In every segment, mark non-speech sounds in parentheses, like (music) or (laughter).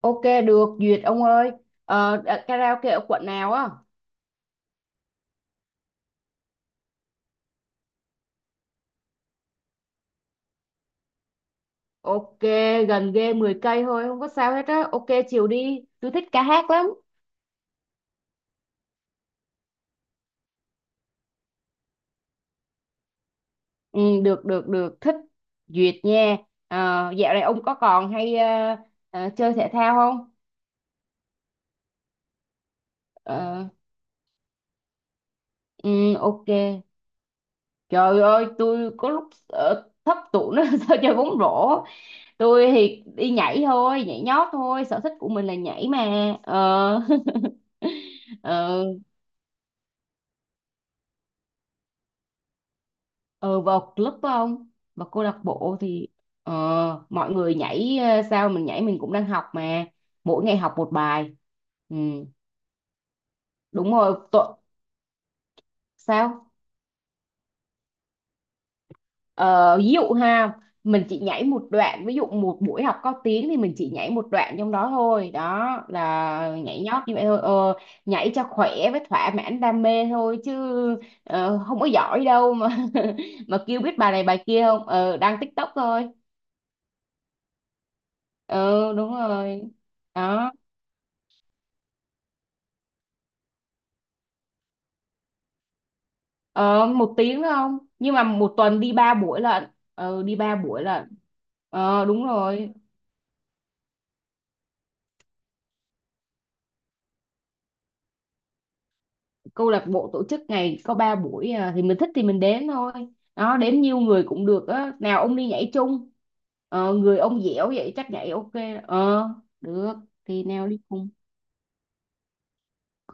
Ok được duyệt ông ơi. Karaoke ở quận nào á? Ok, gần ghê, 10 cây thôi, không có sao hết á. Ok, chiều đi, tôi thích ca hát lắm. Ừ, được được được, thích, duyệt nha. Ờ, dạo này ông có còn hay chơi thể thao không? Ờ, ừ, ok. Trời ơi, tôi có lúc thấp tủ nó, (laughs) sao chơi bóng rổ. Tôi thì đi nhảy thôi, nhảy nhót thôi, sở thích của mình là nhảy mà ờ (laughs) Ờ, ừ, vào club không, vào câu lạc bộ thì mọi người nhảy, sao mình nhảy, mình cũng đang học mà. Mỗi ngày học một bài. Ừ, đúng rồi, tội, sao. Ờ, ví dụ ha, mình chỉ nhảy một đoạn, ví dụ một buổi học có tiếng thì mình chỉ nhảy một đoạn trong đó thôi đó. Là nhảy nhót như vậy thôi, nhảy cho khỏe với thỏa mãn đam mê thôi chứ, không có giỏi đâu mà. (laughs) Mà kêu biết bài này bài kia không, đăng TikTok thôi. Ừ, đúng rồi đó. Ờ, một tiếng không? Nhưng mà một tuần đi 3 buổi lận. Ờ, đi 3 buổi lận. Ờ, đúng rồi. Câu lạc bộ tổ chức ngày có 3 buổi à, thì mình thích thì mình đến thôi. Đó, đến nhiều người cũng được á. Nào ông đi nhảy chung. Ờ, người ông dẻo vậy chắc nhảy ok. Ờ, được. Thì nào đi cùng.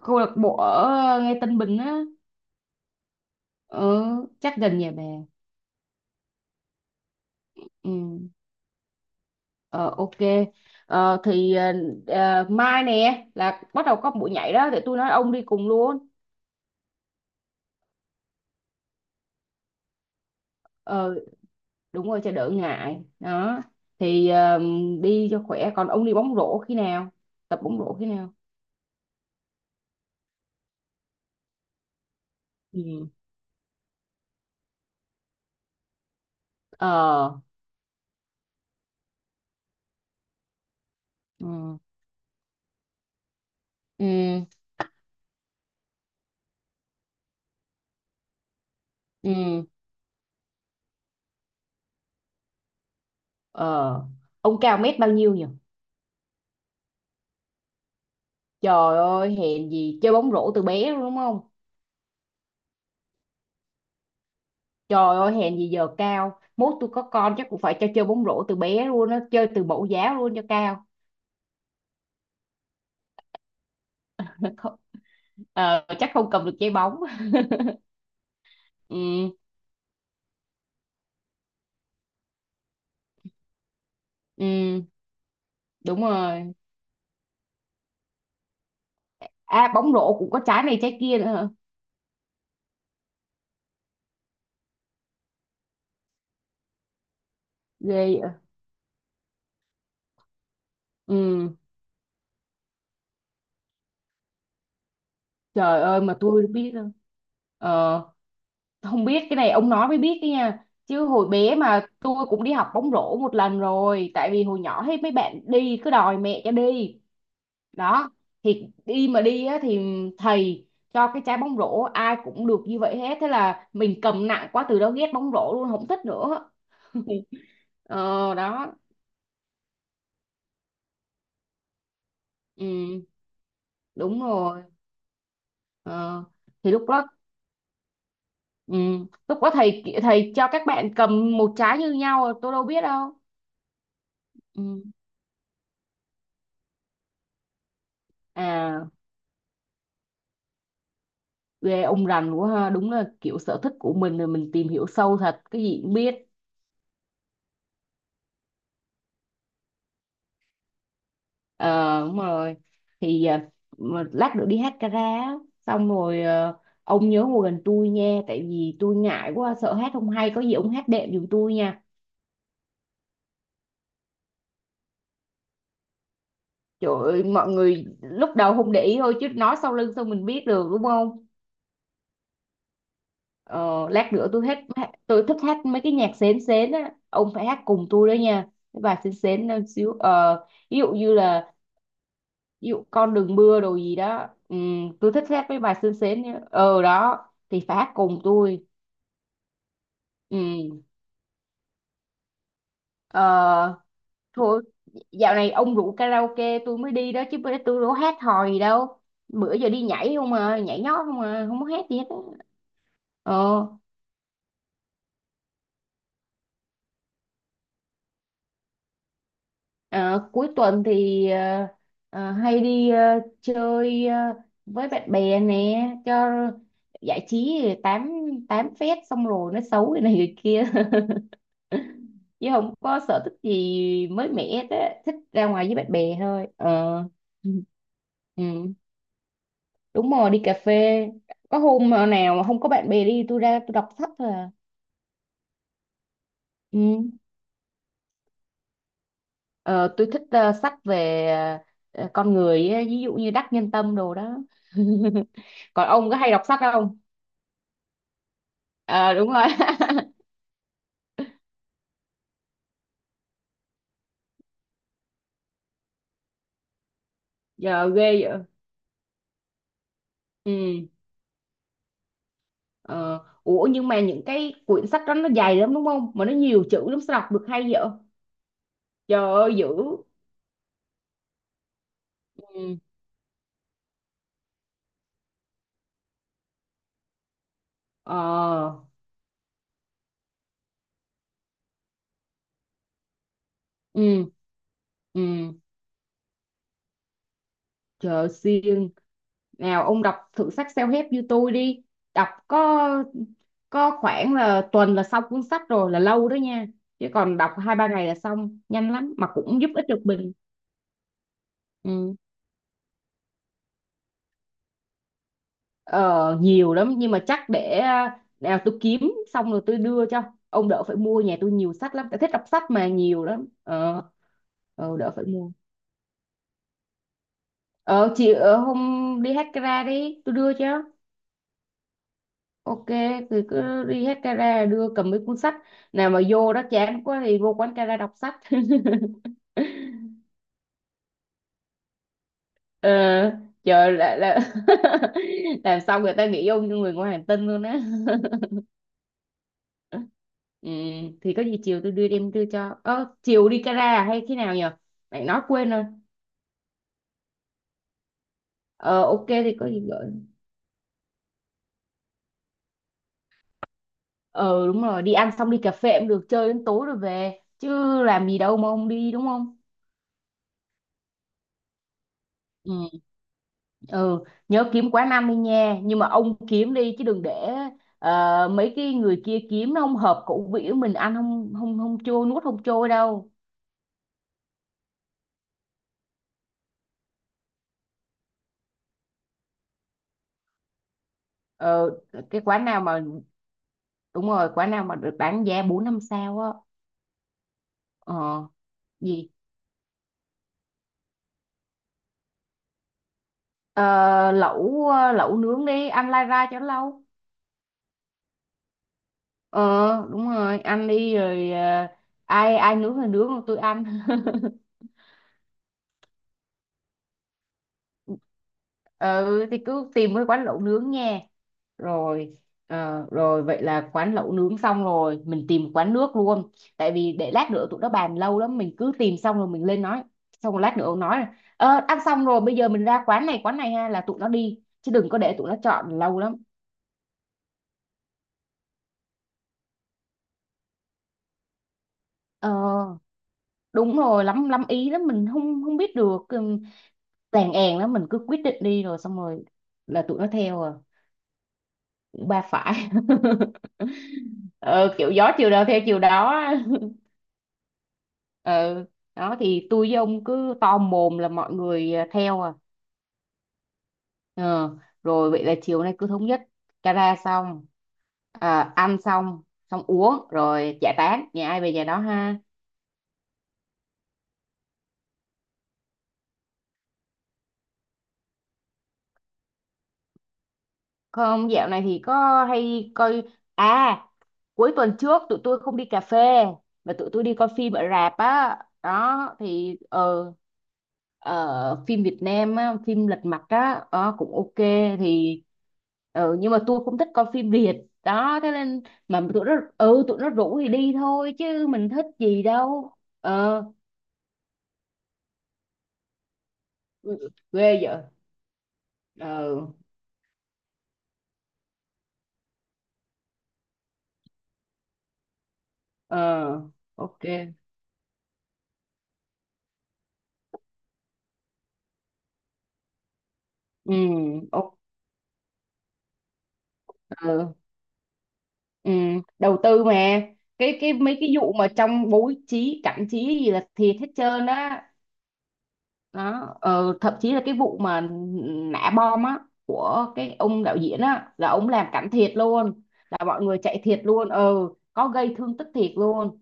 Câu lạc bộ ở ngay Tân Bình á. Ờ, chắc gần nhà bà. Ừ. Ờ, ok. Ờ, thì mai nè là bắt đầu có buổi nhảy đó. Thì tôi nói ông đi cùng luôn. Ờ, đúng rồi, cho đỡ ngại đó, thì đi cho khỏe. Còn ông đi bóng rổ khi nào, tập bóng rổ khi nào? Ừ. Ờ. Ừ. Ừ. Ừ. Ờ. Ông cao mét bao nhiêu nhỉ? Trời ơi, hèn gì chơi bóng rổ từ bé luôn đúng không? Trời ơi, hèn gì giờ cao mốt. Tôi có con chắc cũng phải cho chơi bóng rổ từ bé luôn á, chơi từ mẫu giáo luôn cho cao. (laughs) Không- chắc không cầm được trái bóng. (laughs) Ừ. Ừ, đúng rồi. À, bóng rổ cũng có trái này trái kia nữa hả? Ghê. Ừ. Trời ơi, mà tôi biết đâu. Ờ, không biết cái này ông nói mới biết đấy nha. Chứ hồi bé mà tôi cũng đi học bóng rổ một lần rồi. Tại vì hồi nhỏ hết mấy bạn đi cứ đòi mẹ cho đi. Đó, thì đi mà đi á, thì thầy cho cái trái bóng rổ ai cũng được như vậy hết. Thế là mình cầm nặng quá, từ đó ghét bóng rổ luôn, không thích nữa. (laughs) Ờ, đó, ừ, đúng rồi. Ờ, thì lúc đó, ừ. Lúc đó thầy thầy cho các bạn cầm một trái như nhau, tôi đâu biết đâu. Ừ. À, ghê, ông rành quá ha, đúng là kiểu sở thích của mình rồi mình tìm hiểu sâu thật, cái gì cũng biết. Ờ, đúng rồi, thì à, mà lát nữa đi hát karaoke á, xong rồi à, ông nhớ ngồi gần tôi nha. Tại vì tôi ngại quá, sợ hát không hay, có gì ông hát đệm giùm tôi nha. Trời ơi, mọi người lúc đầu không để ý thôi, chứ nói sau lưng sao mình biết được đúng không? Ờ, lát nữa tôi hết. Tôi thích hát mấy cái nhạc sến sến á, ông phải hát cùng tôi đó nha. Cái bài sến sến nó xíu, ví dụ như là, ví dụ con đừng mưa đồ gì đó, ừ. Tôi thích hát mấy bài sến sến nhá. Ờ, đó, thì phải hát cùng tôi. Ừ. Ờ, thôi, dạo này ông rủ karaoke tôi mới đi đó chứ, bữa tôi đâu có hát hò gì đâu. Bữa giờ đi nhảy không à, nhảy nhót không à, không có hát gì hết á. Ờ. Ờ, cuối tuần thì hay đi chơi với bạn bè nè, cho giải trí, rồi tám tám phét, xong rồi nó xấu cái này người kia. (laughs) Chứ không có sở thích gì mới mẻ hết á, thích ra ngoài với bạn bè thôi ờ ừ. Ừ. Đúng rồi, đi cà phê. Có hôm nào mà không có bạn bè đi, tôi ra tôi đọc sách thôi à. Ừ. Ờ, tôi thích sách về con người ấy, ví dụ như Đắc Nhân Tâm đồ đó. (laughs) Còn ông có hay đọc sách không? Ờ đúng rồi. (laughs) Giờ ghê vậy. Ừ. Ờ. Ủa nhưng mà những cái quyển sách đó nó dài lắm đúng không, mà nó nhiều chữ lắm, sao đọc được hay vậy? Trời ơi, dữ. Ừ. Ờ. Ừ. Ừ. Trời ơi, siêng. Nào ông đọc thử sách self-help như tôi đi. Đọc có khoảng là tuần là xong cuốn sách rồi, là lâu đó nha. Chứ còn đọc 2-3 ngày là xong nhanh lắm, mà cũng giúp ích được mình. Ừ. Ờ, nhiều lắm nhưng mà chắc để, à, nào tôi kiếm xong rồi tôi đưa cho ông đỡ phải mua. Nhà tôi nhiều sách lắm, tôi thích đọc sách mà, nhiều lắm ờ, ờ, đỡ phải mua. Ờ, chị ở hôm, đi hát ra đi tôi đưa cho. Ok, thì cứ đi hết gara đưa cầm mấy cuốn sách. Nào mà vô đó chán quá thì vô quán gara đọc sách. (laughs) ờ, Chờ là, (laughs) làm xong người ta nghĩ ông như người ngoài hành tinh luôn á. (laughs) Ừ, thì có gì chiều tôi đưa, em đưa cho, chiều đi gara, à hay khi nào nhờ, mày nói quên rồi. Ờ, ok thì có gì gọi. Ờ đúng rồi, đi ăn xong đi cà phê cũng được, chơi đến tối rồi về chứ, làm gì đâu mà không đi đúng không? Ừ. Ừ. Nhớ kiếm quán năm đi nha, nhưng mà ông kiếm đi chứ đừng để mấy cái người kia kiếm nó không hợp khẩu vị của mình, ăn không, không trôi, nuốt không trôi đâu. Ờ, cái quán nào mà, đúng rồi quán nào mà được bán giá 4-5 sao á. Ờ, gì. Ờ, lẩu, lẩu nướng, đi ăn lai ra cho nó lâu. Ờ đúng rồi, ăn đi rồi, ai ai nướng thì nướng, còn tôi ăn. (laughs) Ừ thì cứ tìm cái quán lẩu nướng nha, rồi. Ờ, rồi vậy là quán lẩu nướng xong rồi mình tìm quán nước luôn. Tại vì để lát nữa tụi nó bàn lâu lắm, mình cứ tìm xong rồi mình lên nói. Xong rồi lát nữa ông nói là, ăn xong rồi bây giờ mình ra quán này ha là tụi nó đi, chứ đừng có để tụi nó chọn lâu lắm. Ờ đúng rồi, lắm lắm ý lắm, mình không không biết được, tèn èn lắm, mình cứ quyết định đi rồi xong rồi là tụi nó theo à, cũng ba phải. (laughs) Ờ, kiểu gió chiều nào theo chiều đó. Ừ đó, thì tôi với ông cứ to mồm là mọi người à, theo à. Ờ, rồi vậy là chiều nay cứ thống nhất: cara xong, à, ăn xong, xong uống rồi giải tán, nhà ai về nhà đó ha. Không, dạo này thì có hay coi. À, cuối tuần trước tụi tôi không đi cà phê mà tụi tôi đi coi phim ở rạp á. Đó thì phim Việt Nam á, phim Lật Mặt á, cũng ok. Thì nhưng mà tôi không thích coi phim Việt đó, thế nên, mà tụi nó, ừ, tụi nó rủ thì đi thôi chứ mình thích gì đâu. Ờ. Ghê vậy. Ờ. Ờ, ok. Ừ. Ok. Ừ, đầu tư mà. Cái mấy cái vụ mà trong bố trí cảnh trí gì là thiệt hết trơn á. Đó, thậm chí là cái vụ mà nã bom á của cái ông đạo diễn á là ông làm cảnh thiệt luôn. Là mọi người chạy thiệt luôn, ừ, có gây thương tích thiệt luôn.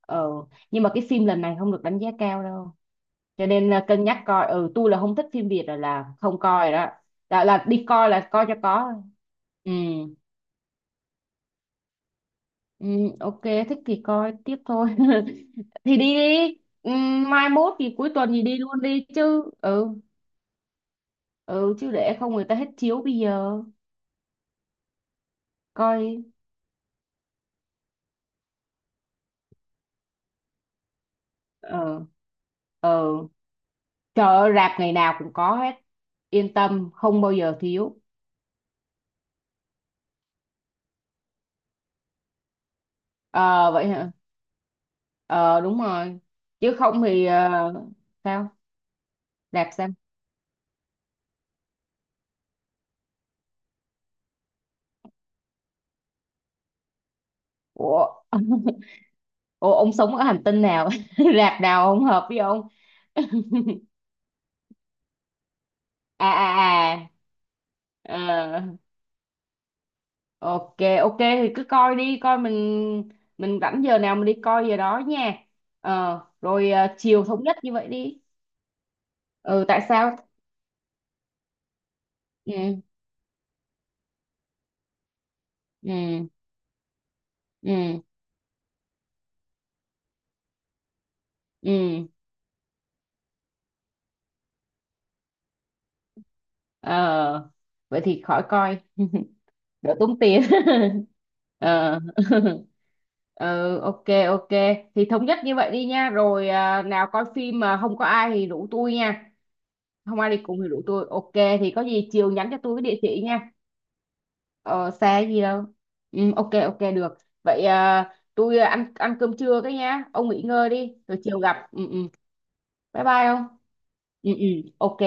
Ờ, nhưng mà cái phim lần này không được đánh giá cao đâu. Cho nên là cân nhắc coi. Ừ, tôi là không thích phim Việt rồi là không coi rồi đó, là đi coi là coi cho có. Ừ, ừ ok, thích thì coi tiếp thôi. (laughs) Thì đi đi. Mai mốt thì cuối tuần thì đi luôn đi chứ, ừ. Ừ, chứ để không người ta hết chiếu bây giờ coi. Ờ. Ờ. Trời ơi, rạp ngày nào cũng có hết, yên tâm không bao giờ thiếu. Ờ vậy hả. Ờ đúng rồi, chứ không thì, sao, rạp sao? Ủa. (laughs) Ủa ông sống ở hành tinh nào, (laughs) rạp nào không hợp với ông? À. À. À. Ờ. Ok, ok thì cứ coi đi, coi mình, rảnh giờ nào mình đi coi giờ đó nha. Ờ, rồi à, chiều thống nhất như vậy đi. Ừ, tại sao? Ừ, ừ, ừ, ừ. Ờ, vậy thì khỏi coi, đỡ tốn tiền. (laughs) Ờ, (laughs) ừ, ok, ok. Thì thống nhất như vậy đi nha. Rồi à, nào coi phim mà không có ai thì rủ tôi nha. Không ai đi cùng thì rủ tôi. Ok, thì có gì chiều nhắn cho tôi cái địa chỉ nha. Ờ, xa gì đâu. Ừ, ok ok được. Vậy à, tôi à, ăn ăn cơm trưa cái nhá. Ông nghỉ ngơi đi, rồi chiều gặp. Ừ ừ. Bye bye ông. Ừ ừ. Ok.